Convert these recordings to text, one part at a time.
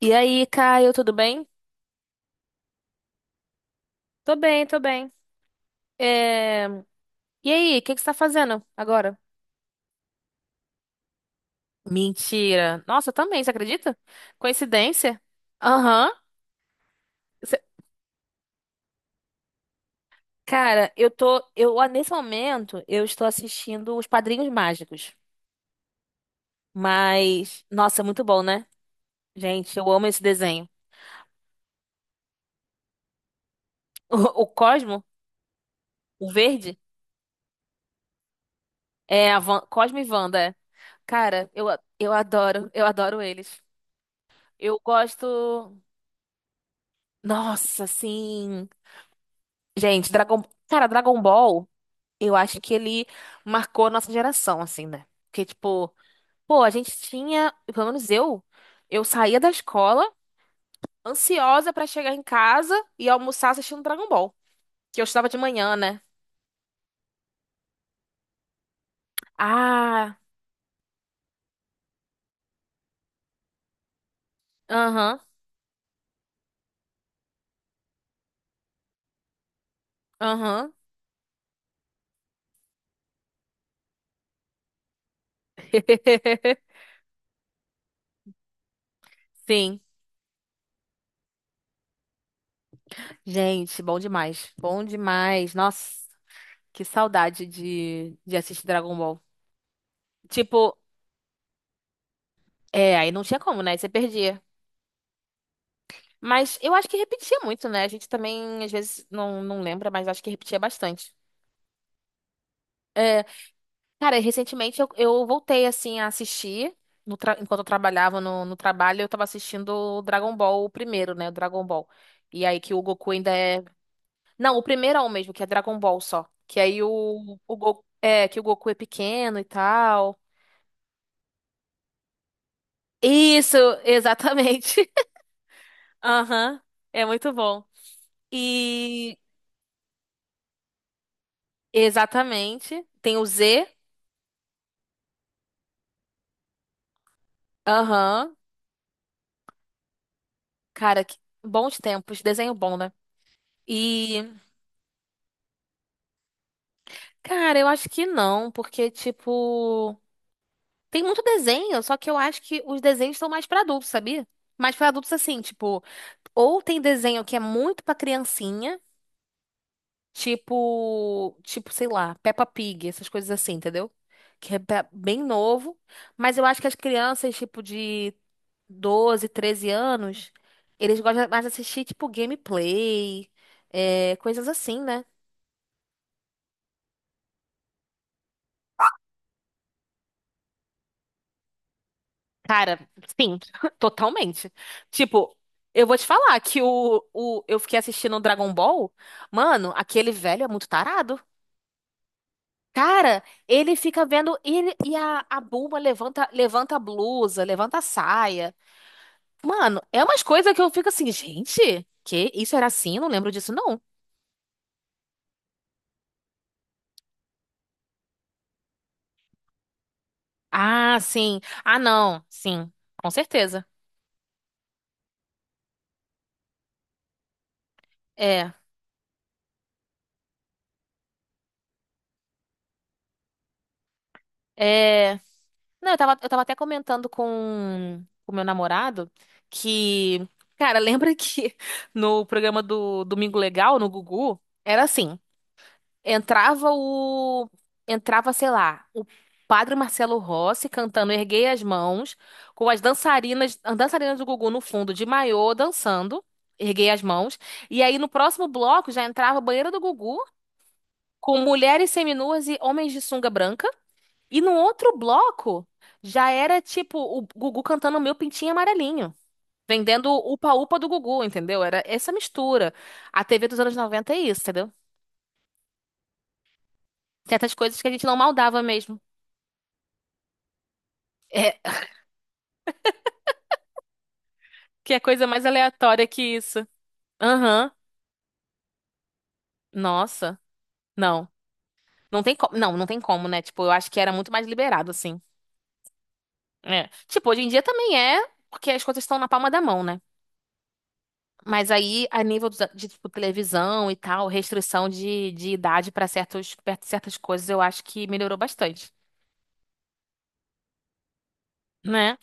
E aí, Caio, tudo bem? Tô bem, tô bem. É, E aí, o que que você tá fazendo agora? Mentira. Nossa, eu também, você acredita? Coincidência? Aham. Cê- Cara, eu tô. Eu, ah, nesse momento, eu estou assistindo Os Padrinhos Mágicos. Nossa, é muito bom, né? Gente, eu amo esse desenho. O Cosmo, o verde, Cosmo e Wanda. É. Cara, eu adoro eles. Eu gosto. Nossa, sim. Gente, Dragon... Cara, Dragon Ball, eu acho que ele marcou a nossa geração, assim, né? Porque, tipo, pô, a gente tinha, pelo menos eu saía da escola ansiosa pra chegar em casa e almoçar assistindo Dragon Ball. Que eu estudava de manhã, né? Ah, aham, aham. Sim. Gente, bom demais. Bom demais. Nossa, que saudade de assistir Dragon Ball. Tipo, é, aí não tinha como, né? Você perdia. Mas eu acho que repetia muito, né? A gente também, às vezes, não lembra, mas acho que repetia bastante. É, cara, recentemente eu voltei, assim, a assistir. No tra- Enquanto eu trabalhava no trabalho, eu tava assistindo o Dragon Ball, o primeiro, né? O Dragon Ball. E aí que o Goku ainda é... Não, o primeiro é o mesmo, que é Dragon Ball só. Que aí o Goku... É, que o Goku é pequeno e tal. Isso, exatamente. Aham, é muito bom. E... Exatamente. Tem o Z. Aham. Cara, que bons tempos, desenho bom, né? E, cara, eu acho que não, porque, tipo, tem muito desenho, só que eu acho que os desenhos são mais pra adultos, sabia? Mais pra adultos, assim, tipo, ou tem desenho que é muito pra criancinha, tipo, sei lá, Peppa Pig, essas coisas assim, entendeu? Que é pra- bem novo, mas eu acho que as crianças, tipo, de 12, 13 anos, eles gostam mais de assistir, tipo, gameplay, é, coisas assim, né? Cara, sim, totalmente. Tipo, eu vou te falar que eu fiquei assistindo o Dragon Ball. Mano, aquele velho é muito tarado. Cara, ele fica vendo ele e a Bulma levanta, levanta a blusa, levanta a saia. Mano, é umas coisas que eu fico assim, gente, que isso era assim? Eu não lembro disso, não. Ah, sim. Ah, não. Sim, com certeza. É. É. Não, eu tava até comentando com o meu namorado que, cara, lembra que no programa do Domingo Legal, no Gugu, era assim, entrava o, entrava, sei lá, o Padre Marcelo Rossi cantando Erguei as Mãos, com as dançarinas do Gugu no fundo, de maiô, dançando, Erguei as Mãos, e aí no próximo bloco já entrava a banheira do Gugu, com mulheres seminuas e homens de sunga branca, e no outro bloco, já era tipo o Gugu cantando Meu Pintinho Amarelinho. Vendendo o upa-upa do Gugu, entendeu? Era essa mistura. A TV dos anos 90 é isso, entendeu? Tem essas coisas que a gente não maldava mesmo. É, que é coisa mais aleatória que isso. Aham. Nossa. Não. Não tem como. Não tem como, né? Tipo, eu acho que era muito mais liberado, assim. É. Tipo, hoje em dia também é, porque as coisas estão na palma da mão, né? Mas aí, de, tipo, televisão e tal, restrição de idade para certos, perto de certas coisas, eu acho que melhorou bastante, né?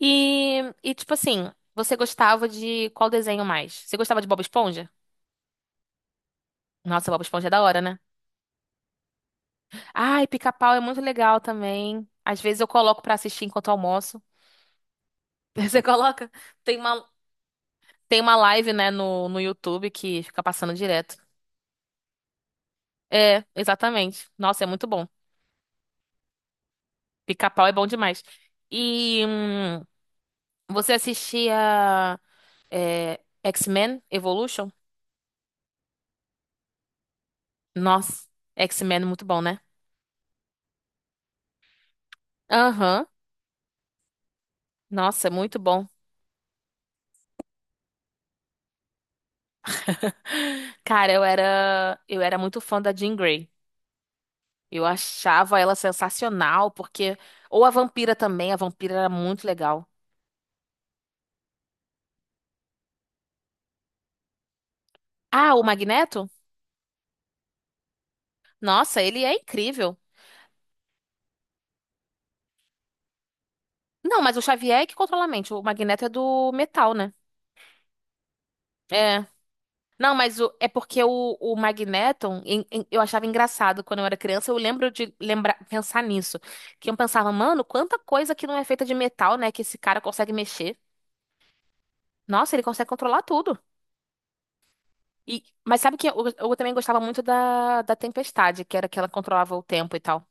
E tipo assim, você gostava de qual desenho mais? Você gostava de Bob Esponja? Nossa, Bob Esponja é da hora, né? Ai, Pica-Pau é muito legal também. Às vezes eu coloco pra assistir enquanto almoço. Você coloca? Tem uma, tem uma live, né, no YouTube que fica passando direto. É, exatamente. Nossa, é muito bom. Pica-Pau é bom demais. E. hum, Você assistia X-Men Evolution? Nossa, X-Men é muito bom, né? Aham. Nossa, é muito bom. Cara, eu era muito fã da Jean Grey. Eu achava ela sensacional porque ou a vampira também, a vampira era muito legal. Ah, o Magneto? Nossa, ele é incrível. Não, mas o Xavier é que controla a mente. O Magneto é do metal, né? É. Não, é porque o Magneton, eu achava engraçado quando eu era criança, eu lembro de lembrar, pensar nisso. Que eu pensava, mano, quanta coisa que não é feita de metal, né, que esse cara consegue mexer. Nossa, ele consegue controlar tudo. E, mas sabe que eu também gostava muito da Tempestade, que era que ela controlava o tempo e tal.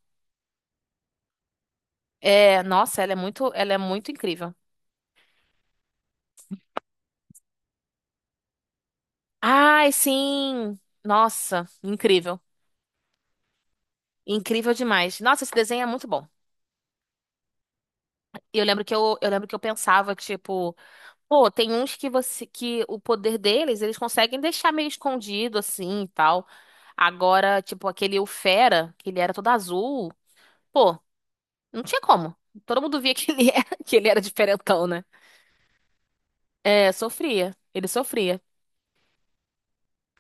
É, nossa, ela é muito incrível. Ai, sim! Nossa, incrível. Incrível demais. Nossa, esse desenho é muito bom. E eu lembro que eu lembro que eu pensava, tipo, pô, tem uns que você que o poder deles, eles conseguem deixar meio escondido assim e tal. Agora, tipo, aquele o Fera, que ele era todo azul, pô, não tinha como. Todo mundo via que ele era, que ele era diferentão, né? É, sofria. Ele sofria.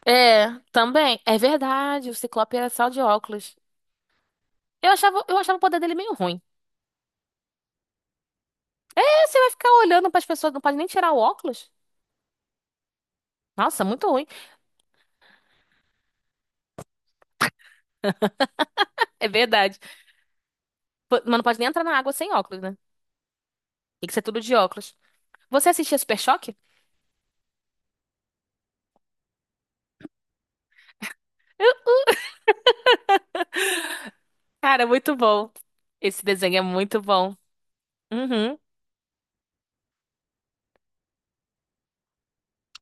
É, também. É verdade, o Ciclope era só de óculos. Eu achava o poder dele meio ruim. É, você vai ficar olhando pras pessoas, não pode nem tirar o óculos? Nossa, muito ruim. É verdade. Pô, mas não pode nem entrar na água sem óculos, né? Tem que ser tudo de óculos. Você assistia Super Choque? Cara, muito bom. Esse desenho é muito bom. Uhum.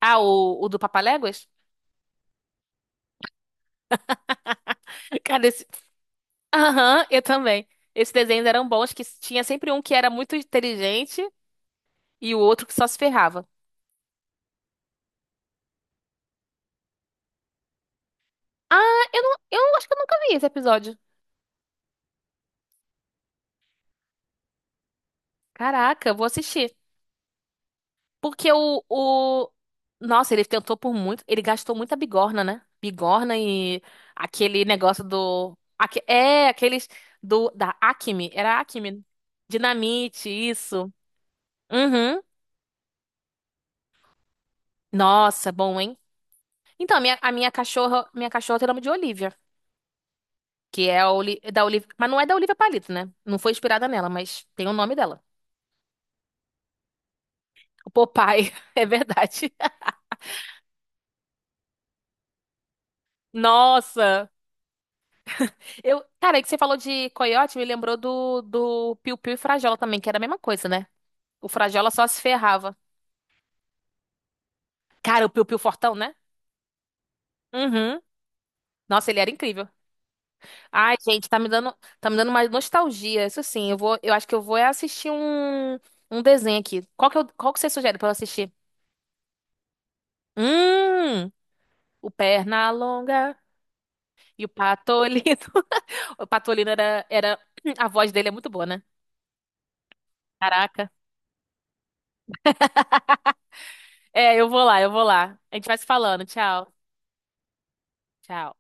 Ah, o do Papaléguas? Cara, esse... Aham, eu também. Esses desenhos eram bons, que tinha sempre um que era muito inteligente e o outro que só se ferrava. Ah, eu acho que eu nunca vi esse episódio. Caraca, eu vou assistir. Porque Nossa, ele tentou por muito... Ele gastou muita bigorna, né? Bigorna e aquele negócio É, aqueles da Acme. Era Acme. Dinamite, isso. Uhum. Nossa, bom, hein? Então, a minha cachorra tem o nome de Olivia, que é da Olivia, mas não é da Olivia Palito, né? Não foi inspirada nela, mas tem o nome dela. O Popeye, é verdade. Nossa! Eu, cara, é que você falou de coiote, me lembrou do Piu Piu e Frajola também, que era a mesma coisa, né? O Frajola só se ferrava. Cara, o Piu Piu fortão, né? Uhum. Nossa, ele era incrível. Ai, gente, tá me dando mais nostalgia. Isso sim, eu acho que eu vou é assistir um desenho aqui. Qual que, eu, qual que você sugere pra eu assistir? Hum, o Pernalonga e o Patolino. O Patolino, a voz dele é muito boa, né? Caraca. É, eu vou lá. A gente vai se falando. Tchau. Tchau.